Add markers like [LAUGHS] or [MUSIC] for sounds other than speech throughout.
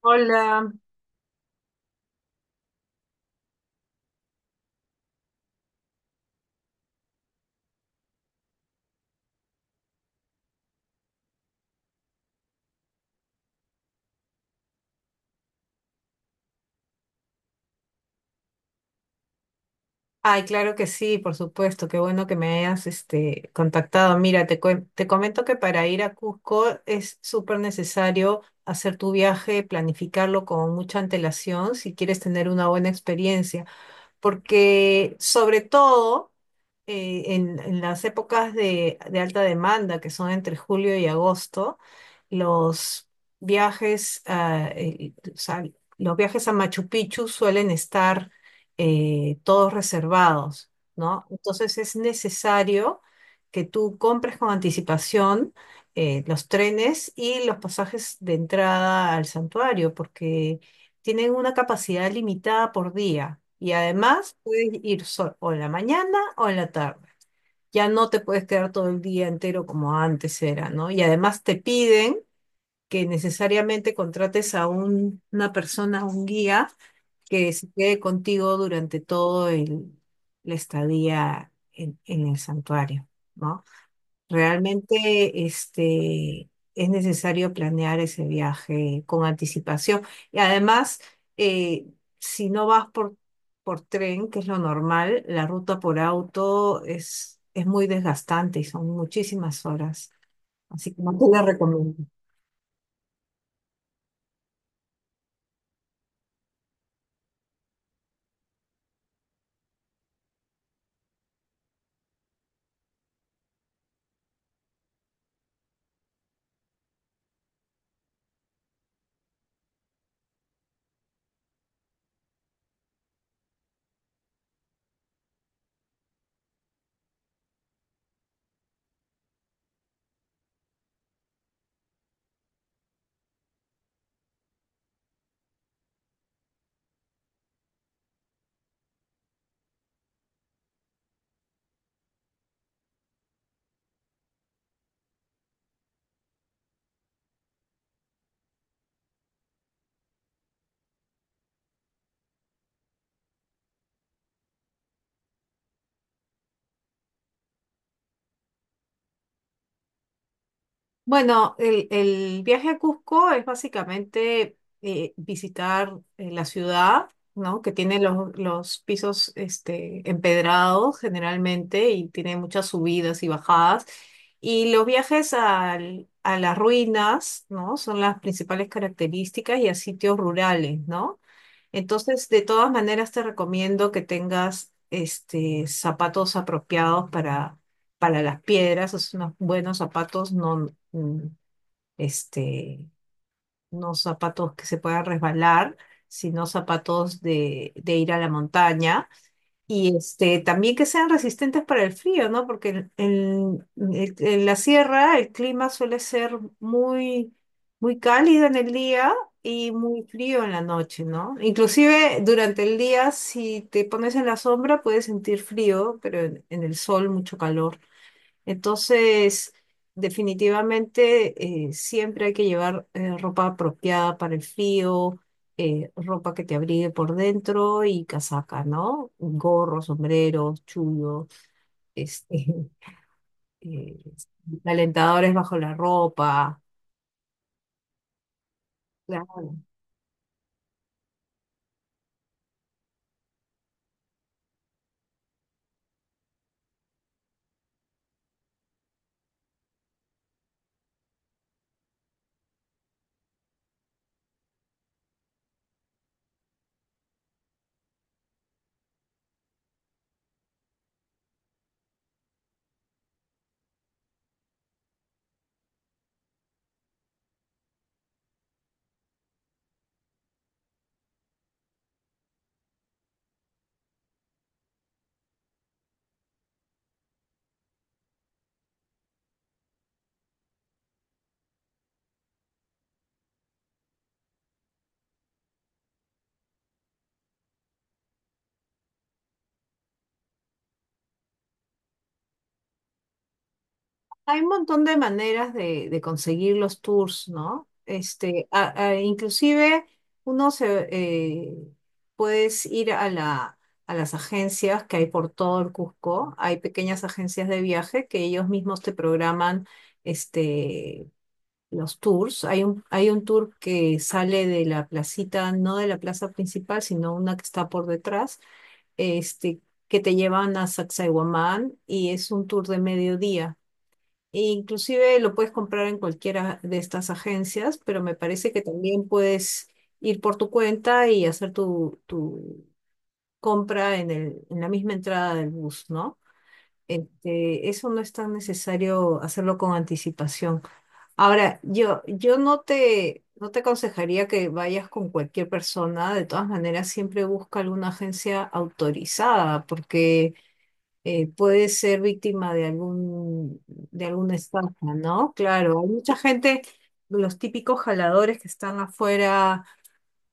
Hola. Ay, claro que sí, por supuesto. Qué bueno que me hayas contactado. Mira, te comento que para ir a Cusco es súper necesario hacer tu viaje, planificarlo con mucha antelación si quieres tener una buena experiencia, porque sobre todo en las épocas de alta demanda, que son entre julio y agosto, los viajes, a, eh, o sea, los viajes a Machu Picchu suelen estar todos reservados, ¿no? Entonces es necesario que tú compres con anticipación, los trenes y los pasajes de entrada al santuario, porque tienen una capacidad limitada por día. Y además puedes ir o en la mañana o en la tarde. Ya no te puedes quedar todo el día entero como antes era, ¿no? Y además te piden que necesariamente contrates a una persona, un guía, que se quede contigo durante la estadía en el santuario, ¿no? Realmente es necesario planear ese viaje con anticipación. Y además, eh, si no vas por tren, que es lo normal, la ruta por auto es muy desgastante y son muchísimas horas. Así que no te la recomiendo. Bueno, el viaje a Cusco es básicamente visitar la ciudad, ¿no? Que tiene los pisos empedrados generalmente y tiene muchas subidas y bajadas. Y los viajes a las ruinas, ¿no? Son las principales características y a sitios rurales, ¿no? Entonces, de todas maneras, te recomiendo que tengas zapatos apropiados para las piedras, o sea, unos buenos zapatos, no, este, no zapatos que se puedan resbalar, sino zapatos de ir a la montaña y también que sean resistentes para el frío, ¿no? Porque en la sierra el clima suele ser muy cálido en el día y muy frío en la noche, ¿no? Inclusive durante el día, si te pones en la sombra, puedes sentir frío, pero en el sol mucho calor. Entonces, definitivamente siempre hay que llevar ropa apropiada para el frío, ropa que te abrigue por dentro y casaca, ¿no? Gorros, sombreros, chullos, este, [LAUGHS] eh, calentadores bajo la ropa. Claro. Hay un montón de maneras de conseguir los tours, ¿no? Inclusive uno se puedes ir a a las agencias que hay por todo el Cusco. Hay pequeñas agencias de viaje que ellos mismos te programan este, los tours. Hay un tour que sale de la placita, no de la plaza principal, sino una que está por detrás, este, que te llevan a Sacsayhuamán y es un tour de mediodía e inclusive lo puedes comprar en cualquiera de estas agencias, pero me parece que también puedes ir por tu cuenta y hacer tu compra en en la misma entrada del bus, ¿no? Eso no es tan necesario hacerlo con anticipación. Ahora, yo no te aconsejaría que vayas con cualquier persona. De todas maneras, siempre busca alguna agencia autorizada, porque puede ser víctima de algún, de alguna estafa, ¿no? Claro, hay mucha gente, los típicos jaladores que están afuera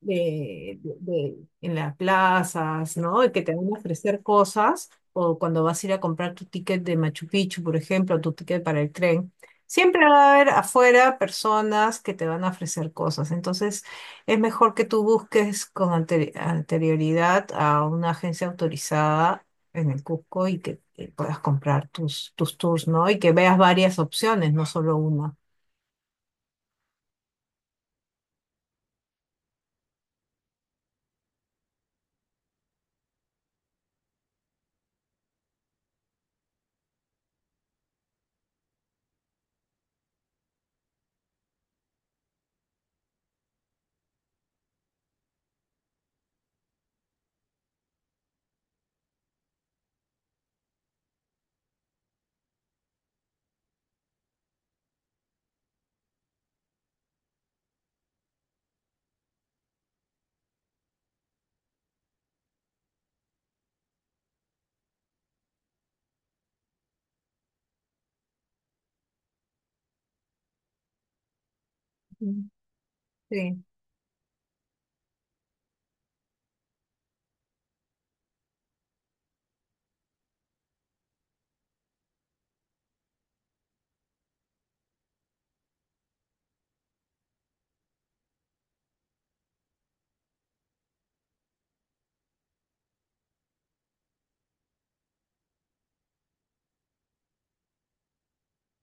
en las plazas, ¿no? Y que te van a ofrecer cosas, o cuando vas a ir a comprar tu ticket de Machu Picchu, por ejemplo, tu ticket para el tren, siempre va a haber afuera personas que te van a ofrecer cosas. Entonces, es mejor que tú busques con anterioridad a una agencia autorizada en el Cusco y que puedas comprar tus tours, ¿no? Y que veas varias opciones, no solo una. Ujú. Sí.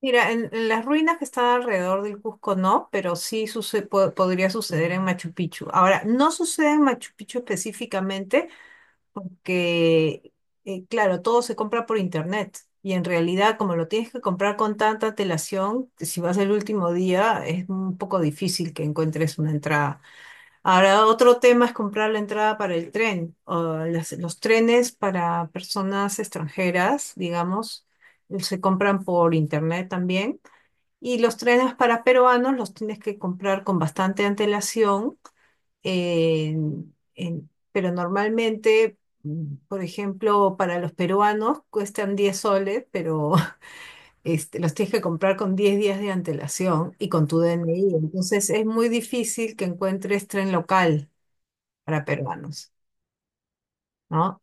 Mira, en las ruinas que están alrededor del Cusco no, pero sí podría suceder en Machu Picchu. Ahora, no sucede en Machu Picchu específicamente porque, claro, todo se compra por internet y en realidad como lo tienes que comprar con tanta antelación, si vas el último día es un poco difícil que encuentres una entrada. Ahora, otro tema es comprar la entrada para el tren o los trenes para personas extranjeras, digamos, se compran por internet también. Y los trenes para peruanos los tienes que comprar con bastante antelación, pero normalmente, por ejemplo, para los peruanos cuestan 10 soles, pero [LAUGHS] los tienes que comprar con 10 días de antelación y con tu DNI. Entonces es muy difícil que encuentres tren local para peruanos, ¿no?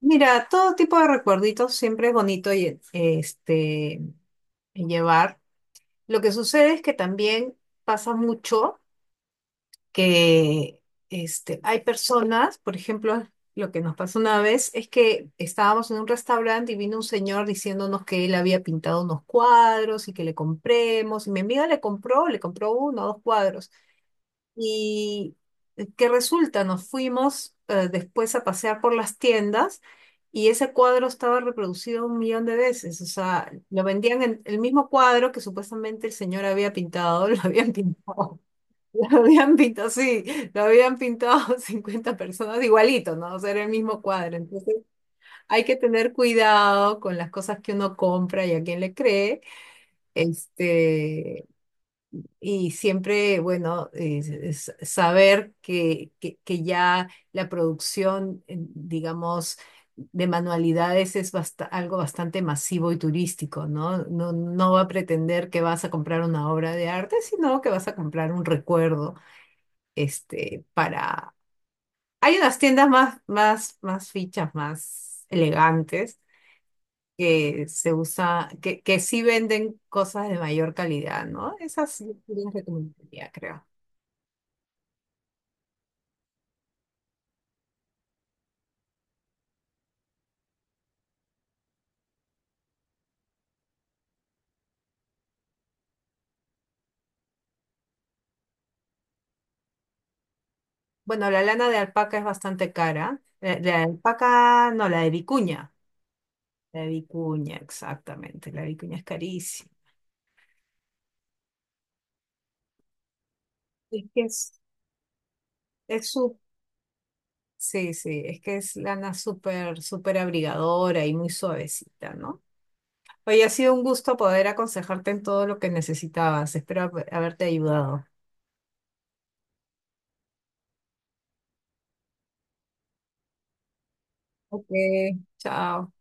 Mira, todo tipo de recuerditos siempre es bonito y, llevar. Lo que sucede es que también pasa mucho que hay personas, por ejemplo, lo que nos pasó una vez es que estábamos en un restaurante y vino un señor diciéndonos que él había pintado unos cuadros y que le compremos. Y mi amiga le compró uno o dos cuadros. Y que resulta, nos fuimos después a pasear por las tiendas. Y ese cuadro estaba reproducido un millón de veces, o sea, lo vendían en el mismo cuadro que supuestamente el señor había pintado, [LAUGHS] lo habían pintado [LAUGHS] lo habían pintado, sí, lo habían pintado [LAUGHS] 50 personas igualito, ¿no? O sea, era el mismo cuadro. Entonces, hay que tener cuidado con las cosas que uno compra y a quién le cree. Este, y siempre, bueno, es saber que ya la producción, digamos, de manualidades es algo bastante masivo y turístico, ¿no? No va a pretender que vas a comprar una obra de arte, sino que vas a comprar un recuerdo para... Hay unas tiendas más fichas, más elegantes, que se usa, que sí venden cosas de mayor calidad, ¿no? Esas sí las recomendaría, creo. Bueno, la lana de alpaca es bastante cara. La de alpaca, no, la de vicuña. La de vicuña, exactamente. La de vicuña es carísima. Es que es su- Sí, sí, es que es lana súper abrigadora y muy suavecita, ¿no? Oye, ha sido un gusto poder aconsejarte en todo lo que necesitabas. Espero haberte ayudado. Ok, chao.